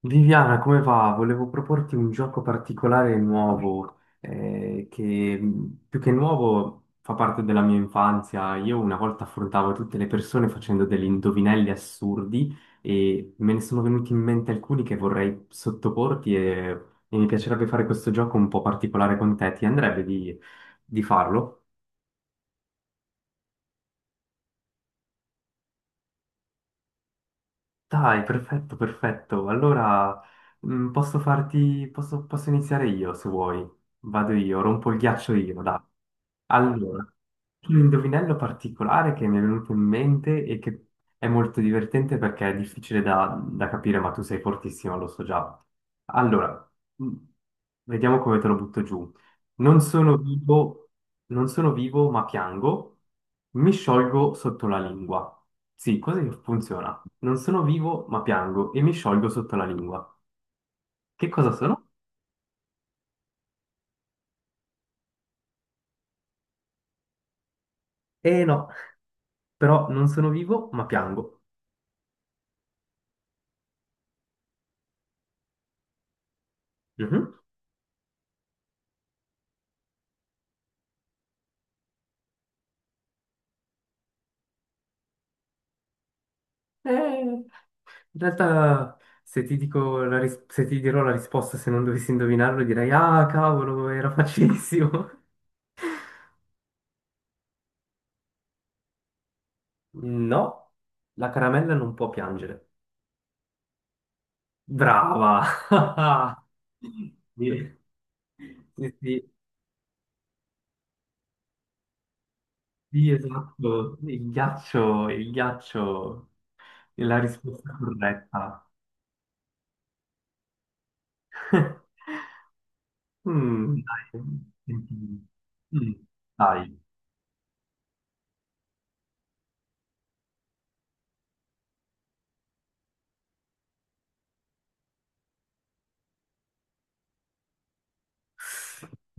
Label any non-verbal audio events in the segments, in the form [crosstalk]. Viviana, come va? Volevo proporti un gioco particolare e nuovo, che più che nuovo fa parte della mia infanzia. Io una volta affrontavo tutte le persone facendo degli indovinelli assurdi e me ne sono venuti in mente alcuni che vorrei sottoporti, e mi piacerebbe fare questo gioco un po' particolare con te. Ti andrebbe di farlo? Dai, perfetto, perfetto. Allora, posso posso iniziare io se vuoi. Vado io, rompo il ghiaccio io, dai. Allora, un indovinello particolare che mi è venuto in mente e che è molto divertente perché è da capire, ma tu sei fortissimo, lo so già. Allora, mm, vediamo come te lo butto giù. Non sono vivo, non sono vivo, ma piango. Mi sciolgo sotto la lingua. Sì, così funziona. Non sono vivo, ma piango e mi sciolgo sotto la lingua. Che cosa sono? Eh no, però non sono vivo, ma piango. Mhm. In realtà, se ti dico la se ti dirò la risposta, se non dovessi indovinarlo, direi: Ah, cavolo, era facilissimo. [laughs] No, la caramella non può piangere. Brava! [laughs] Sì, sì, sì, sì, esatto. Il ghiaccio è la risposta corretta. [laughs] Mm, dai, senti. Mm, dai.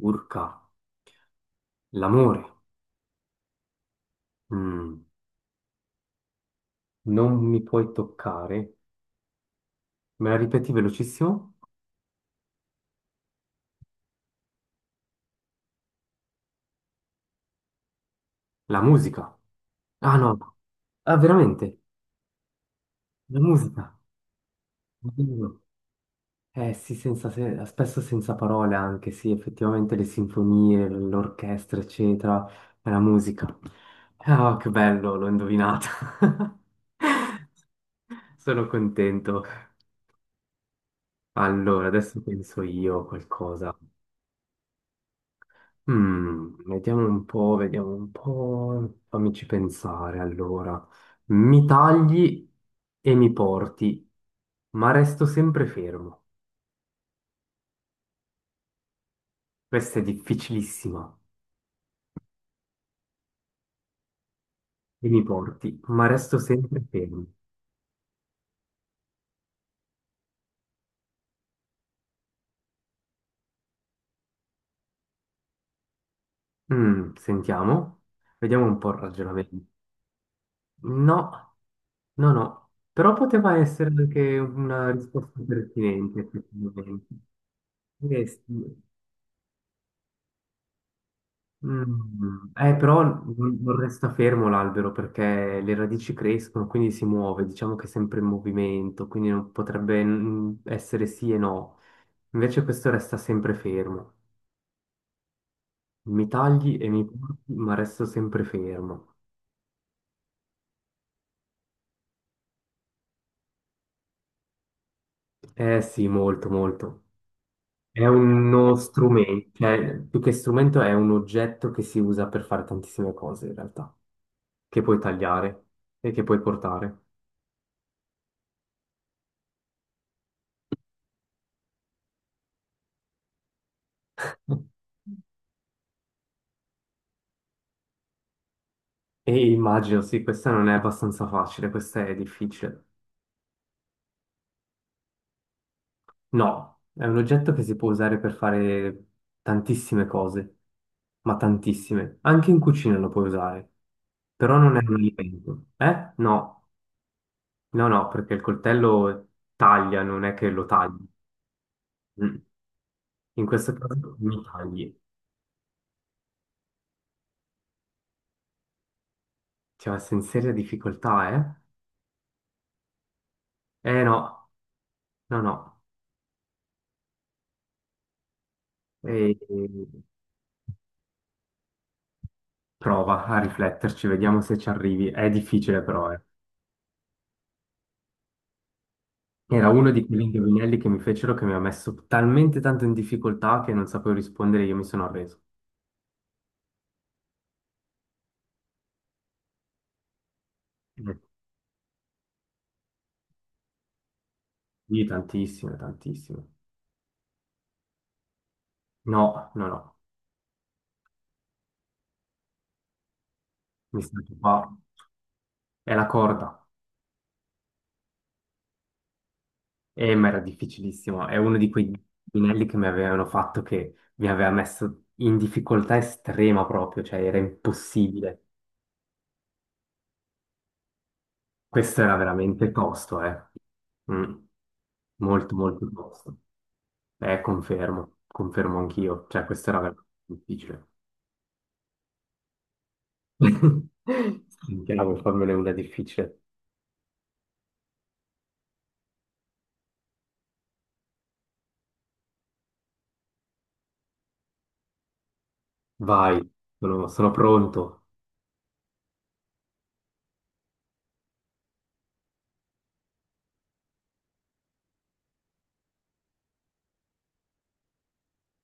Urca, l'amore. Mm, non mi puoi toccare. Me la ripeti velocissimo? La musica. Ah no, ah veramente, la musica. Oddio. Eh sì, senza se- spesso senza parole anche, sì, effettivamente le sinfonie, l'orchestra, eccetera, è la musica. Ah, che bello, l'ho indovinata. [laughs] Sono contento. Allora, adesso penso io a qualcosa. Mm, vediamo un po', fammici pensare allora. Mi tagli e mi porti, ma resto sempre fermo. Questa è difficilissima. E mi porti, ma resto sempre fermo. Mm, sentiamo, vediamo un po' il ragionamento. No, no, no, però poteva essere anche una risposta pertinente, effettivamente. Eh sì. Mm, però non resta fermo l'albero perché le radici crescono, quindi si muove, diciamo che è sempre in movimento, quindi non potrebbe essere sì e no. Invece questo resta sempre fermo. Mi tagli e mi porti, ma resto sempre fermo. Eh sì, molto, molto. È uno strumento, cioè più che strumento è un oggetto che si usa per fare tantissime cose in realtà, che puoi tagliare e che puoi portare. [laughs] E immagino, sì, questa non è abbastanza facile, questa è difficile. No, è un oggetto che si può usare per fare tantissime cose, ma tantissime. Anche in cucina lo puoi usare, però non è un alimento. Eh? No, no, no, perché il coltello taglia, non è che lo tagli. Mm. In questo caso mi tagli. Cioè, sei in seria difficoltà, eh? Eh no, no, no. E- e- Prova a rifletterci, vediamo se ci arrivi. È difficile però, eh. Era uno di quegli indovinelli che mi fecero che mi ha messo talmente tanto in difficoltà che non sapevo rispondere, io mi sono arreso. Mm. Sì, tantissime, tantissime. No, no, no, mi sa che qua è la corda. E ma era difficilissimo, è uno di quei indovinelli che mi avevano fatto che mi aveva messo in difficoltà estrema proprio, cioè era impossibile. Questo era veramente tosto, eh. Mm. Molto, molto tosto. Confermo, confermo anch'io, cioè questo era veramente difficile. Sentiamo, fammene una difficile. Vai, sono pronto.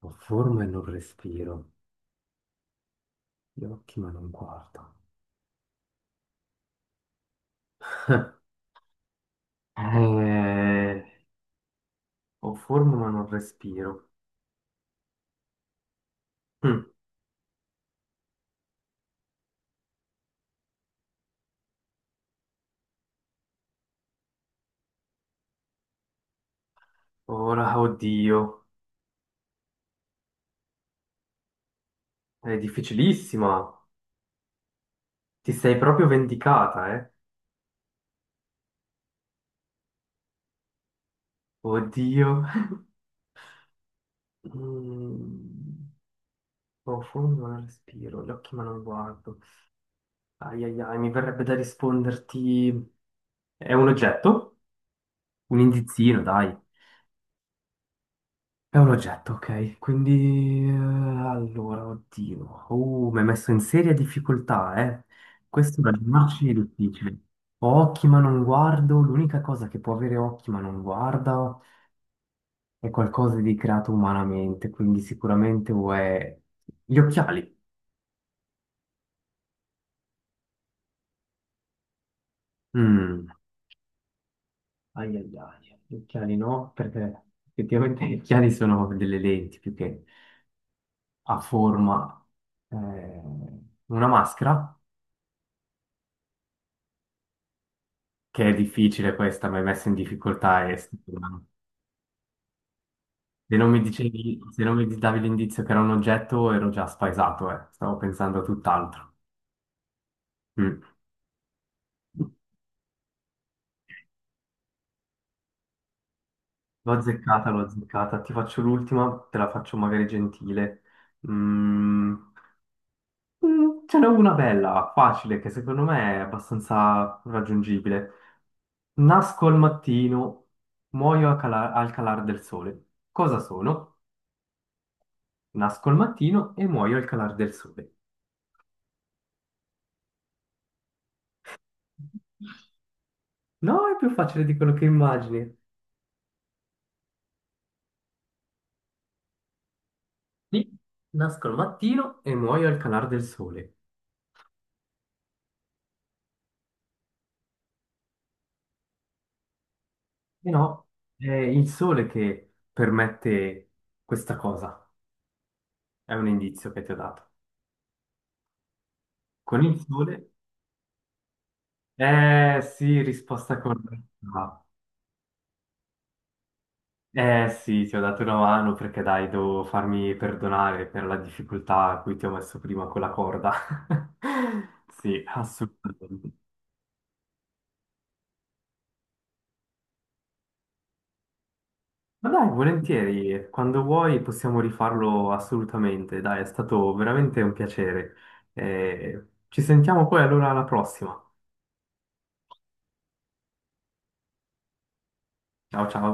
Ho forma e non respiro, gli occhi ma non guardo. Eh, ho forma ma non respiro. Hm, ora, oddio, è difficilissima. Ti sei proprio vendicata, eh? Oddio. Mm, ho forma ma non respiro, gli occhi ma non guardo. Ai ai ai, mi verrebbe da risponderti... È un oggetto? Un indizino, dai. È un oggetto, ok. Quindi, allora, oddio. Mi hai messo in seria difficoltà, eh. Questo è da facile e difficile. Ho occhi ma non guardo. L'unica cosa che può avere occhi ma non guarda è qualcosa di creato umanamente, quindi sicuramente o è... Gli occhiali. Mm. Ai ai ai. Gli occhiali no, perché effettivamente gli occhiali sono delle lenti più che a forma... eh, una maschera? Che è difficile questa, mi hai messo in difficoltà e se non mi dicevi, se non mi davi l'indizio che era un oggetto, ero già spaesato, eh. Stavo pensando a tutt'altro. Mm. L'ho azzeccata, l'ho azzeccata. Ti faccio l'ultima, te la faccio magari gentile. Mm. Mm, ce n'è una bella, facile, che secondo me è abbastanza raggiungibile. Nasco al mattino, muoio al calar del sole. Cosa sono? Nasco al mattino e muoio al calar del sole. No, è più facile di quello che immagini. Sì, nasco al mattino e muoio al calar del sole. E no, è il sole che permette questa cosa. È un indizio che ti ho dato. Con il sole? Eh sì, risposta corretta. Eh sì, ti ho dato una mano perché dai, devo farmi perdonare per la difficoltà a cui ti ho messo prima con la corda. [laughs] Sì, assolutamente. Ma dai, volentieri, quando vuoi possiamo rifarlo assolutamente. Dai, è stato veramente un piacere. Ci sentiamo poi allora alla prossima. Ciao ciao.